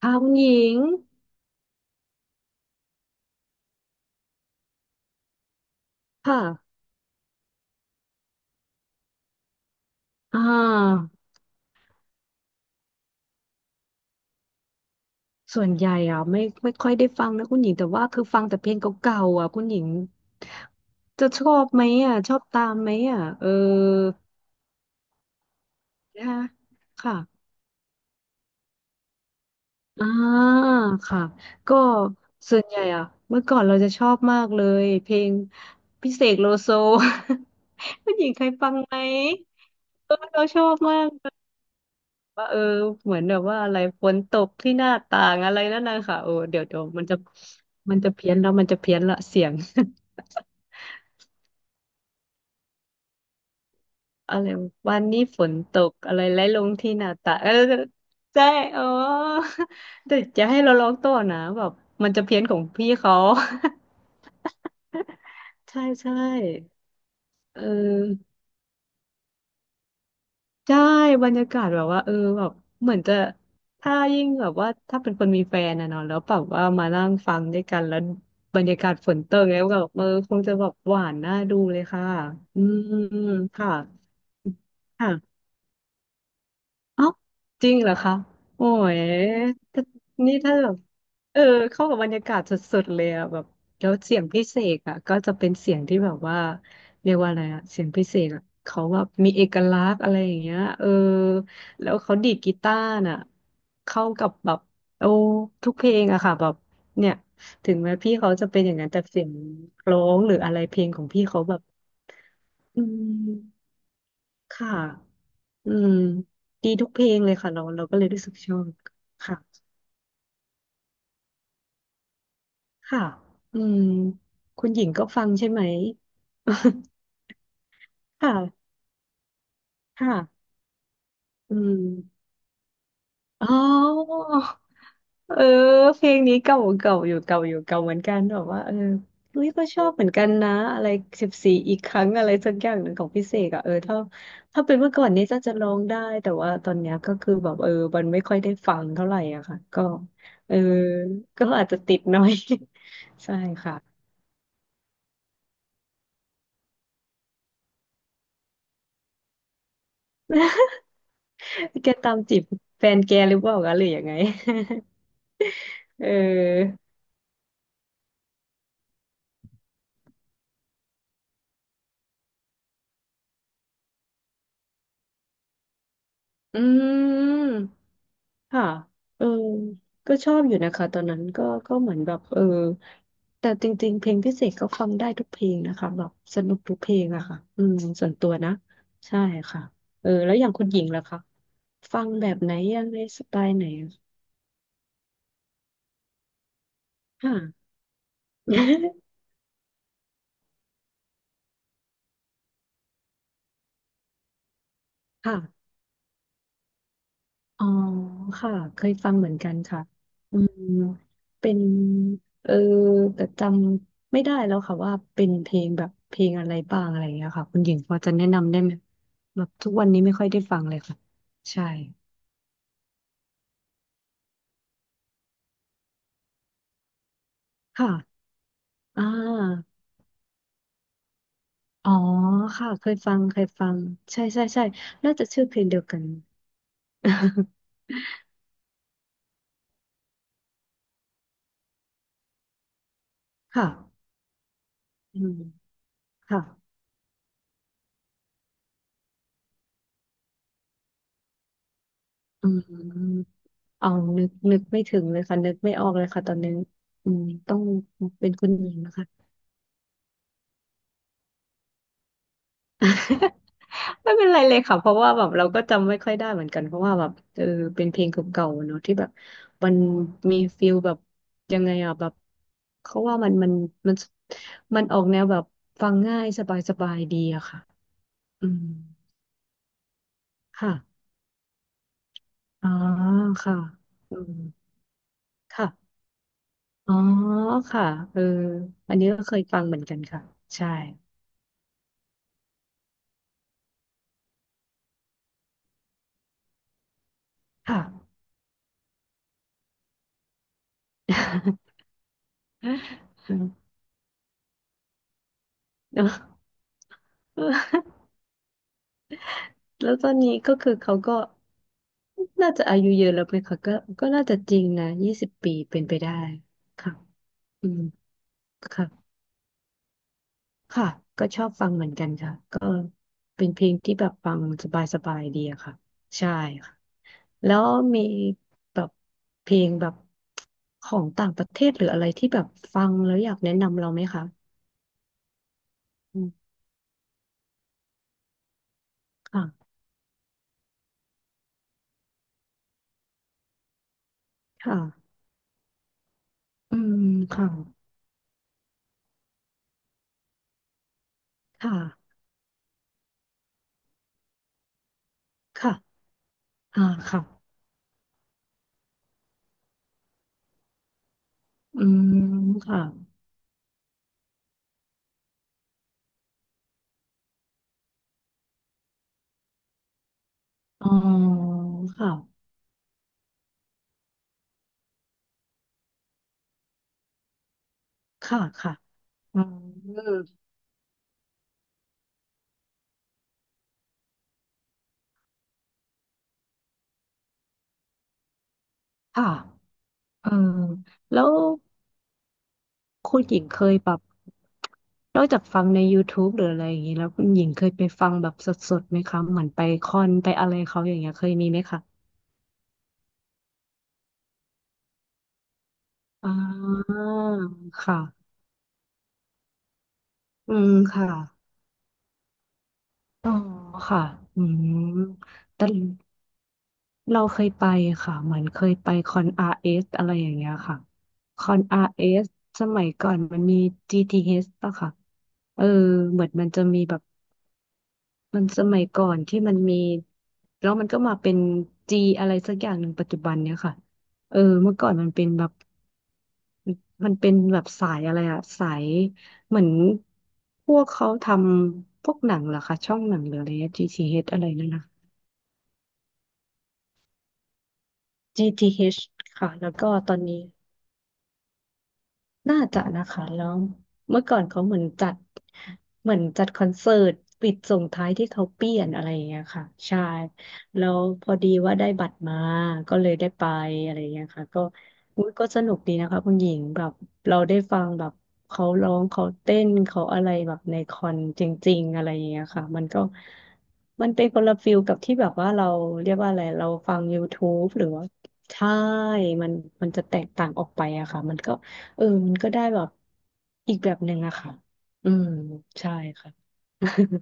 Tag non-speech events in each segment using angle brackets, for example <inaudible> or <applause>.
ค่ะคุณหญิงค่ะอ่าส่วนใหญ่อ่ะไม่ค่อยได้ฟังนะคุณหญิงแต่ว่าคือฟังแต่เพลงเก่าๆอ่ะคุณหญิงจะชอบไหมอ่ะชอบตามไหมอ่ะนะคะค่ะอ่าค่ะก็ส่วนใหญ่อะเมื่อก่อนเราจะชอบมากเลยเพลงพี่เสกโลโซ <laughs> คุณหญิงเคยฟังไหมเออเราชอบมาก ว่าเหมือนแบบว่าอะไรฝนตกที่หน้าต่างอะไรนั่นนะคะโอ้เดี๋ยวเดี๋ยวมันจะมันจะเพี้ยนแล้วมันจะเพี้ยนละเสียง <laughs> อะไรวันนี้ฝนตกอะไรไหลลงที่หน้าต่างเออใช่อ๋อ <laughs> แต่จะให้เราร้องต่อนะแบบมันจะเพี้ยนของพี่เขา <laughs> ใช่ใช่เออ ใช่บรรยากาศแบบว่าแบบเหมือนจะถ้ายิ่งแบบว่าถ้าเป็นคนมีแฟนนะเนาะแล้วแบบว่ามานั่งฟังด้วยกันแล้วบรรยากาศฝนตกแล้วก็แบบเออคงจะแบบหวานน่าดูเลยค่ะอืมค่ะ เอ้าจริงเหรอคะโอ้ยถ้านี่ถ้าแบบเออเข้ากับบรรยากาศสุดๆเลยอะแบบแล้วเสียงพิเศษอะก็จะเป็นเสียงที่แบบว่าเรียกว่าอะไรอะเสียงพิเศษอะเขาแบบมีเอกลักษณ์อะไรอย่างเงี้ยแล้วเขาดีดกีตาร์น่ะเข้ากับแบบโอ้ทุกเพลงอะค่ะแบบเนี่ยถึงแม้พี่เขาจะเป็นอย่างนั้นแต่เสียงร้องหรืออะไรเพลงของพี่เขาแบบอืมค่ะ อืม ดีทุกเพลงเลยค่ะเราก็เลยรู้สึกชอบ ค่ะ ค่ะ อืม คุณหญิงก็ฟังใช่ไหม <laughs> ค่ะ ค่ะอืม อ๋อเออเพลงนี้เก่าเก่าอยู่เก่าอยู่เก่าเหมือนกันแบบว่าเฮ้ยก็ชอบเหมือนกันนะอะไร14 อีกครั้งอะไรสักอย่างหนึ่งของพิเศษอะเออถ้าถ้าเป็นเมื่อก่อนนี้จะร้องได้แต่ว่าตอนเนี้ยก็คือแบบมันไม่ค่อยได้ฟังเท่าไหร่อะค่ะก็เออก็อาจจะติดหน้อย <laughs> ใช่ค่ะ <laughs> แกตามจีบแฟนแกหรือเปล่าคะหรือยังไง <laughs> เอออืม ค่ะเออก็ชอบอยู่นะคะตอนนั้นก็เหมือนแบบแต่จริงๆเพลงพิเศษก็ฟังได้ทุกเพลงนะคะแบบสนุกทุกเพลงอะค่ะอืมส่วนตัวนะ ใช่ค่ะแล้วอย่างคุณหญิงล่ะคะ ฟังแบบไหนยังไงสไตล์ไหนอะค่ะ <laughs> ค่ะ อ๋อค่ะเคยฟังเหมือนกันค่ะอืมเป็นเออแต่จำไม่ได้แล้วค่ะว่าเป็นเพลงแบบเพลงอะไรบ้างอะไรอย่างเงี้ยค่ะคุณหญิงพอจะแนะนำได้ไหมแบบทุกวันนี้ไม่ค่อยได้ฟังเลยค่ะใช่ค่ะอ่าอ๋อค่ะเคยฟังเคยฟังใช่ใช่ใช่น่าจะชื่อเพลงเดียวกัน <laughs> ค่ะอืมค่ะอืมเอานึกไม่ถึงเลยค่ะนึกไม่ออกเลยค่ะตอนนี้อืมต้องเป็นคุณหญิงนะคะ <laughs> ไม่เป็นไรเลยค่ะเพราะว่าแบบเราก็จำไม่ค่อยได้เหมือนกันเพราะว่าแบบเป็นเพลงเก่าๆเนอะที่แบบมันมีฟิลแบบยังไงอ่ะแบบเขาว่ามันมันออกแนวแบบฟังง่ายสบายสบายดีอะค่ะอืมค่ะอ๋อค่ะอืมค่ะอ๋อค่ะเอออันนี้ก็เคยฟังเหมือนกันค่ะใช่ค่ะ <laughs> เนอะ แล้วตอนนี้ก็คือเขาก็น่าจะอายุเยอะแล้วไหมคะก็ก็น่าจะจริงนะ20 ปีเป็นไปได้ค่ะอืมค่ะค่ะก็ชอบฟังเหมือนกันค่ะก็เป็นเพลงที่แบบฟังสบายสบายดีอะค่ะใช่ค่ะแล้วมีแบบเพลงแบบของต่างประเทศหรืออะไรที่แบบฟังแล้วอยากแนะนำเราไหมคะอืมค่ะค่ะอืมค่ะค่ะค่ะอ่าค่ะอืมค่ะ อ๋อค่ะค่ะค่ะอืมค่ะเออแล้วคุณหญิงเคยแบบนอกจากฟังใน YouTube หรืออะไรอย่างนี้ แล้วคุณหญิงเคยไปฟังแบบสดๆไหมคะเหมือนไปคอนไปอะไรเขาอย่างเงี้ยเคยมีไหมคะอ่าค่ะ อืมค่ะ อ๋อค่ะอืมแต่ เราเคยไปค่ะเหมือนเคยไปคอนอาร์เอสอะไรอย่างเงี้ยค่ะคอนอาร์เอสสมัยก่อนมันมี GTH ป่ะค่ะเออเหมือนมันจะมีแบบมันสมัยก่อนที่มันมีแล้วมันก็มาเป็น G อะไรสักอย่างหนึ่งปัจจุบันเนี้ยค่ะเออเมื่อก่อนมันเป็นแบบมันเป็นแบบสายอะไรอะสายเหมือนพวกเขาทำพวกหนังเหรอคะช่องหนังหรืออะไรเงี้ย GTH อชอะไรนั่นนะจีทีเ t สค่ะแล้วก็ตอนนี้ น่าจะนะคะแล้วเมื่อก่อนเขาเหมือนจัดเหมือนจัดคอนเสิร์ตปิดส่งท้ายที่เขาเปลี่ยนอะไรอย่างเงี้ยค่ะใช่แล้วพอดีว่าได้บัตรมาก็เลยได้ไปอะไรอย่างเงี้ยค่ะก็อุ๊ยก็สนุกดีนะคะคุณหญิงแบบเราได้ฟังแบบเขาร้องเขาเต้นเขาอะไรแบบในคอนจริงๆอะไรอย่างเงี้ยค่ะมันก็มันเป็นคนละฟิลกับที่แบบว่าเราเรียกว่าอะไรเราฟัง YouTube หรือว่าใช่มันมันจะแตกต่างออกไปอะค่ะมันก็ มันก็ได้แบบอีกแบบหนึ่งอะค่ะอืมใช่ค่ะ <laughs>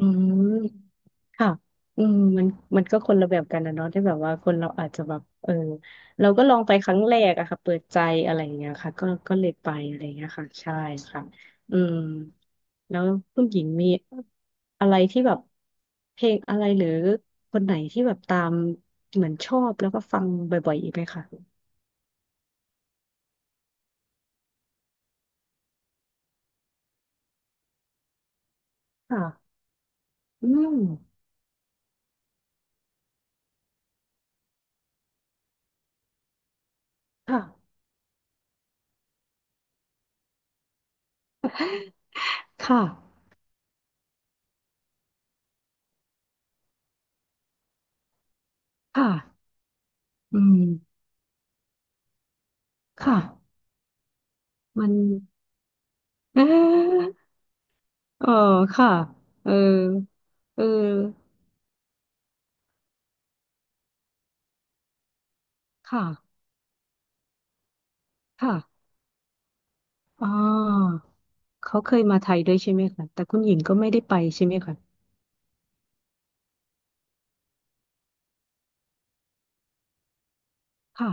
อืมค่ะอืมมันมันก็คนละแบบกันนะเนาะที่แบบว่าคนเราอาจจะแบบเราก็ลองไปครั้งแรกอะค่ะเปิดใจอะไรอย่างเงี้ยค่ะก็เลยไปอะไรอย่างเงี้ยค่ะใช่ค่ะอืมแล้วคุณหญิงมีอะไรที่แบบเพลงอะไรหรือคนไหนที่แบบตามเหมือนชอบแล้วก็ฟังบ่อยๆอีกไหมคะค่ะ อืมค่ะ ค่ะค่ะอืมค่ะมันเออเออค่ะเออเออค่ะค่ะอ๋าเขาเคยมาไทยด้วยใช่ไหมคะ แต่คุณหญิงก็ไม่ได้ไปใช่ไหมคะค่ะ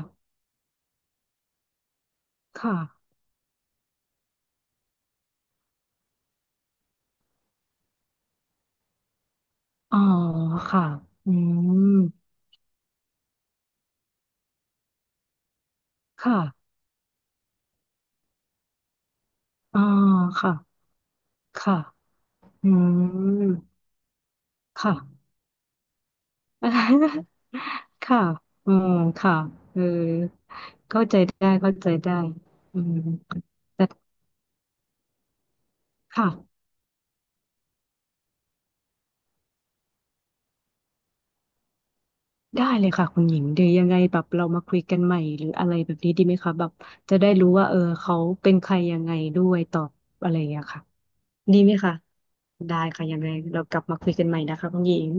ค่ะอ๋อค่ะอืมค่ะอ๋อค่ะค่ะอืมค่ะ <laughs> ค่ะอืมค่ะเออเข้าใจได้เข้าใจได้อืมแต่ค่ะ ได้เลยค่ะคุณหญิงเดี๋ยวยังไงแบบเรามาคุยกันใหม่หรืออะไรแบบนี้ดีไหมคะแบบจะได้รู้ว่าเขาเป็นใครยังไงด้วยตอบอะไรอย่างเงี้ยค่ะดีไหมคะได้ค่ะยังไงเรากลับมาคุยกันใหม่นะคะคุณหญิง